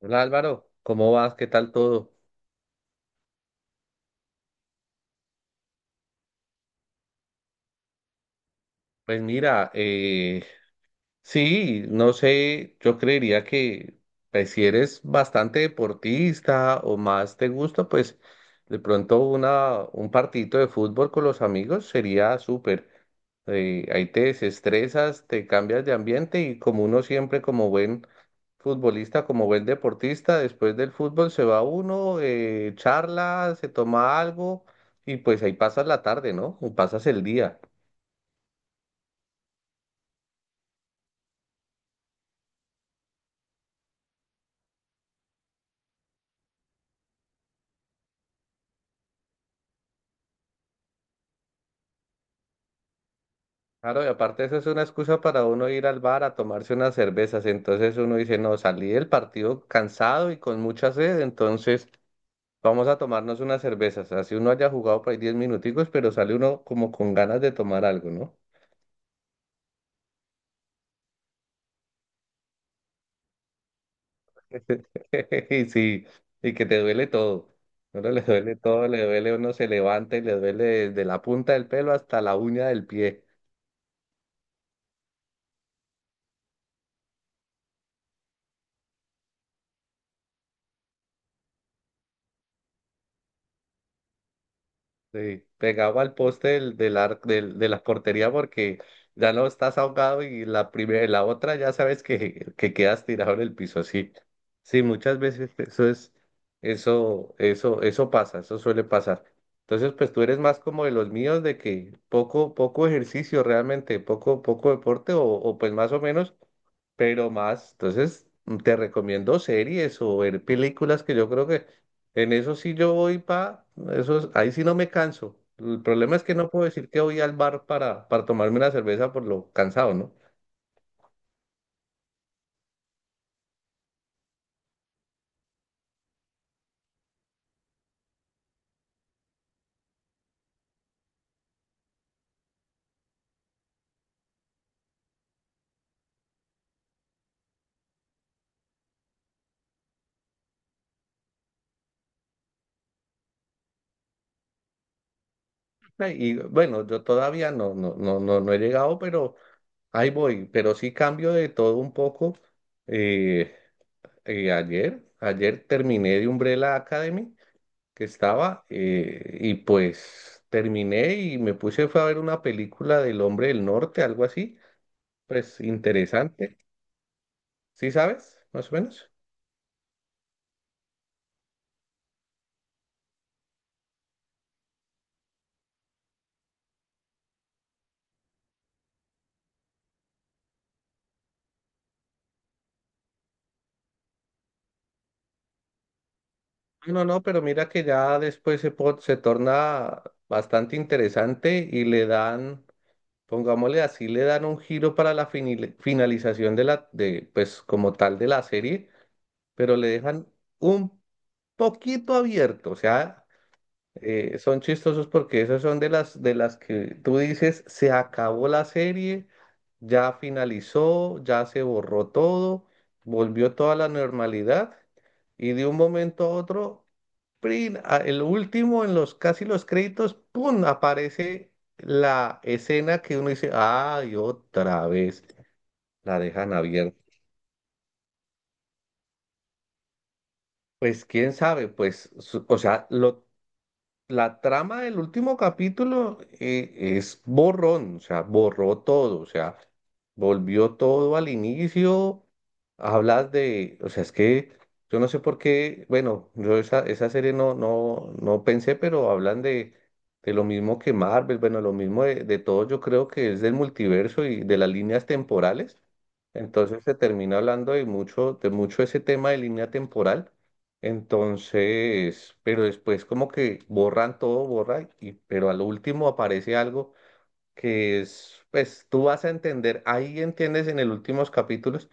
Hola Álvaro, ¿cómo vas? ¿Qué tal todo? Pues mira, sí, no sé, yo creería que pues, si eres bastante deportista o más te gusta, pues de pronto un partidito de fútbol con los amigos sería súper. Ahí te desestresas, te cambias de ambiente y como uno siempre como buen futbolista como buen deportista, después del fútbol se va uno, charla, se toma algo y pues ahí pasas la tarde, ¿no? O pasas el día. Claro, y aparte eso es una excusa para uno ir al bar a tomarse unas cervezas. Entonces uno dice, no, salí del partido cansado y con mucha sed, entonces vamos a tomarnos unas cervezas. Así uno haya jugado por ahí 10 minuticos, pero sale uno como con ganas de tomar algo, ¿no? Y sí, y que te duele todo. A uno le duele todo, le duele, uno se levanta y le duele desde la punta del pelo hasta la uña del pie. Sí, pegado al poste de la portería porque ya no estás ahogado y la primera, la otra ya sabes que quedas tirado en el piso así. Sí, muchas veces eso pasa, eso suele pasar. Entonces, pues tú eres más como de los míos de que poco ejercicio realmente, poco deporte o pues más o menos, pero más. Entonces, te recomiendo series o ver películas que yo creo que en eso sí yo voy ahí sí no me canso. El problema es que no puedo decir que voy al bar para tomarme una cerveza por lo cansado, ¿no? Ay, y bueno, yo todavía no he llegado, pero ahí voy. Pero sí cambio de todo un poco. Eh, Ayer terminé de Umbrella Academy que estaba y pues terminé y me puse fue a ver una película del Hombre del Norte, algo así, pues interesante. ¿Sí sabes? Más o menos. Ah, no, no, pero mira que ya después se torna bastante interesante y le dan, pongámosle así, le dan un giro para la finalización pues como tal de la serie, pero le dejan un poquito abierto, o sea, son chistosos porque esos son de las que tú dices, se acabó la serie, ya finalizó, ya se borró todo, volvió toda la normalidad y de un momento a otro el último, en los casi los créditos, ¡pum! Aparece la escena que uno dice, ay, otra vez, la dejan abierta. Pues quién sabe. Pues, o sea. Lo La trama del último capítulo es borrón, o sea, borró todo, o sea, volvió todo al inicio. Hablas de, o sea, es que yo no sé por qué, bueno, yo esa serie no pensé, pero hablan de lo mismo que Marvel, bueno, lo mismo de todo, yo creo que es del multiverso y de las líneas temporales. Entonces se termina hablando de mucho ese tema de línea temporal. Entonces, pero después como que borran todo, pero al último aparece algo que es, pues tú vas a entender, ahí entiendes en el últimos capítulos,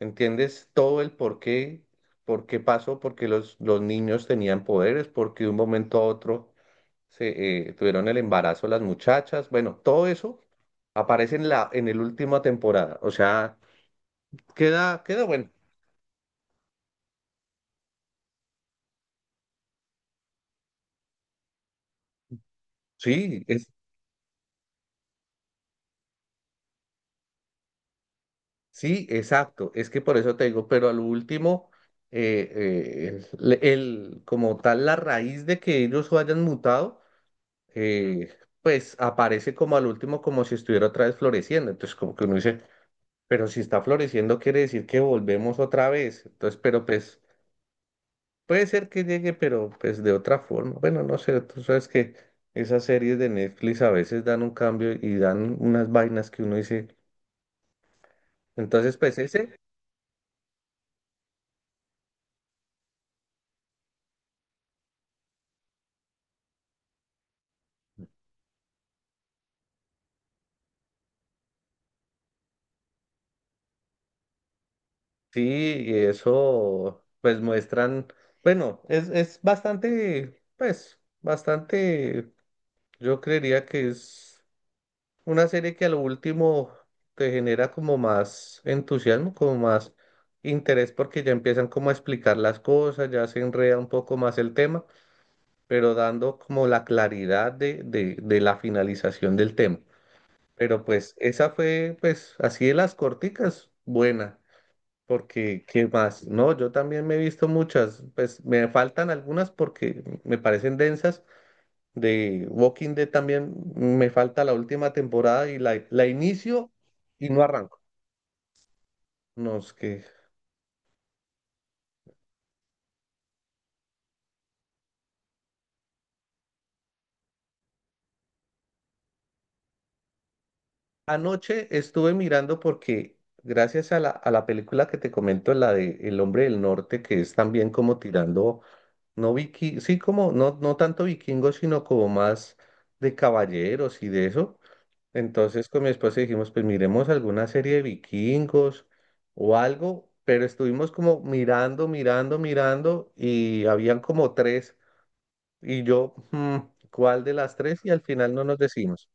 entiendes todo el por qué pasó, por qué los niños tenían poderes, por qué de un momento a otro tuvieron el embarazo las muchachas, bueno, todo eso aparece en la, en el última temporada, o sea, queda, queda bueno. Sí, sí, exacto. Es que por eso te digo, pero al último, como tal, la raíz de que ellos hayan mutado, eh, pues aparece como al último, como si estuviera otra vez floreciendo. Entonces, como que uno dice, pero si está floreciendo, quiere decir que volvemos otra vez. Entonces, pero pues puede ser que llegue, pero pues de otra forma. Bueno, no sé, tú sabes que esas series de Netflix a veces dan un cambio y dan unas vainas que uno dice. Entonces, pues ese. Sí, y eso pues muestran, bueno, es bastante, pues, bastante, yo creería que es una serie que a lo último te genera como más entusiasmo, como más interés porque ya empiezan como a explicar las cosas, ya se enreda un poco más el tema, pero dando como la claridad de la finalización del tema. Pero pues esa fue pues así de las corticas, buena. Porque, ¿qué más? No, yo también me he visto muchas, pues me faltan algunas porque me parecen densas. De Walking Dead también me falta la última temporada y la inicio y no arranco. No, es que anoche estuve mirando porque gracias a la película que te comento, la de El Hombre del Norte, que es también como tirando, sí como, no, no tanto vikingo, sino como más de caballeros y de eso. Entonces con mi esposa dijimos, pues miremos alguna serie de vikingos o algo, pero estuvimos como mirando, mirando, mirando y habían como tres y yo, "Mm, ¿cuál de las tres?". Y al final no nos decimos.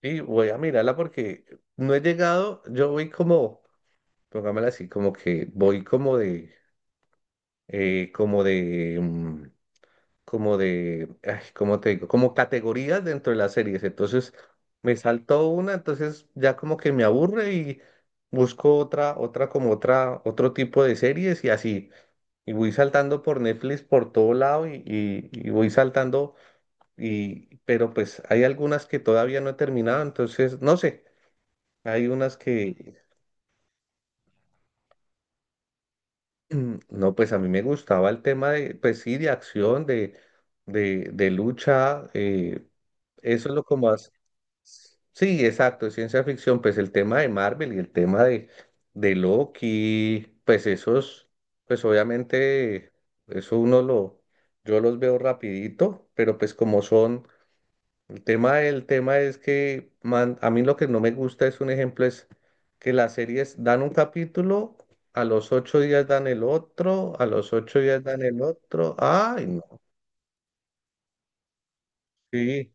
Y voy a mirarla porque no he llegado, yo voy como, pongámosla así, como que voy como de, como de, como de, ay, ¿cómo te digo? Como categorías dentro de las series. Entonces me saltó una, entonces ya como que me aburre y busco otra, otro tipo de series y así. Y voy saltando por Netflix por todo lado y voy saltando, pero pues hay algunas que todavía no he terminado, entonces no sé, hay unas que, no, pues a mí me gustaba el tema de, pues sí, de acción, de lucha, eso es lo como hace. Sí, exacto, es ciencia ficción, pues el tema de Marvel y el tema de Loki, pues esos, pues obviamente, eso yo los veo rapidito, pero pues como son, el tema es que, man, a mí lo que no me gusta es un ejemplo, es que las series dan un capítulo, a los 8 días dan el otro, a los 8 días dan el otro, ay, no, sí.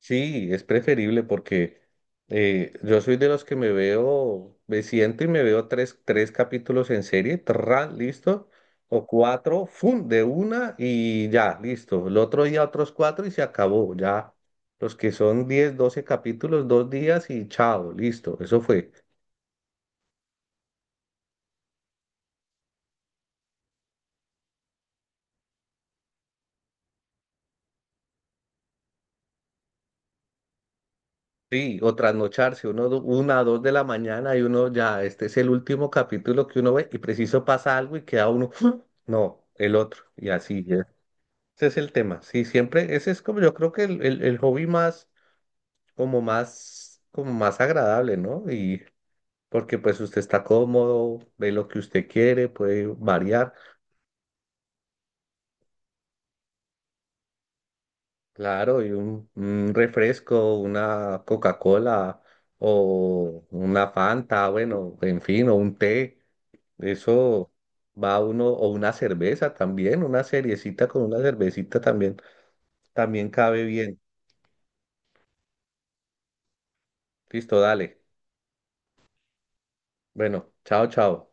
Sí, es preferible porque yo soy de los que me veo, me siento y me veo tres capítulos en serie, tra, listo, o cuatro, fun, de una y ya, listo. El otro día otros cuatro y se acabó, ya. Los que son 10, 12 capítulos, 2 días y chao, listo, eso fue. Sí, o trasnocharse, 1, 2 de la mañana y uno ya, este es el último capítulo que uno ve y preciso pasa algo y queda uno, no, el otro, y así. Ese es el tema, sí, siempre, ese es como yo creo que el hobby más, como más, como más agradable, ¿no? Y porque pues usted está cómodo, ve lo que usted quiere, puede variar, claro, y un refresco, una Coca-Cola o una Fanta, bueno, en fin, o un té, eso va uno, o una cerveza también, una seriecita con una cervecita también, también cabe bien. Listo, dale. Bueno, chao, chao.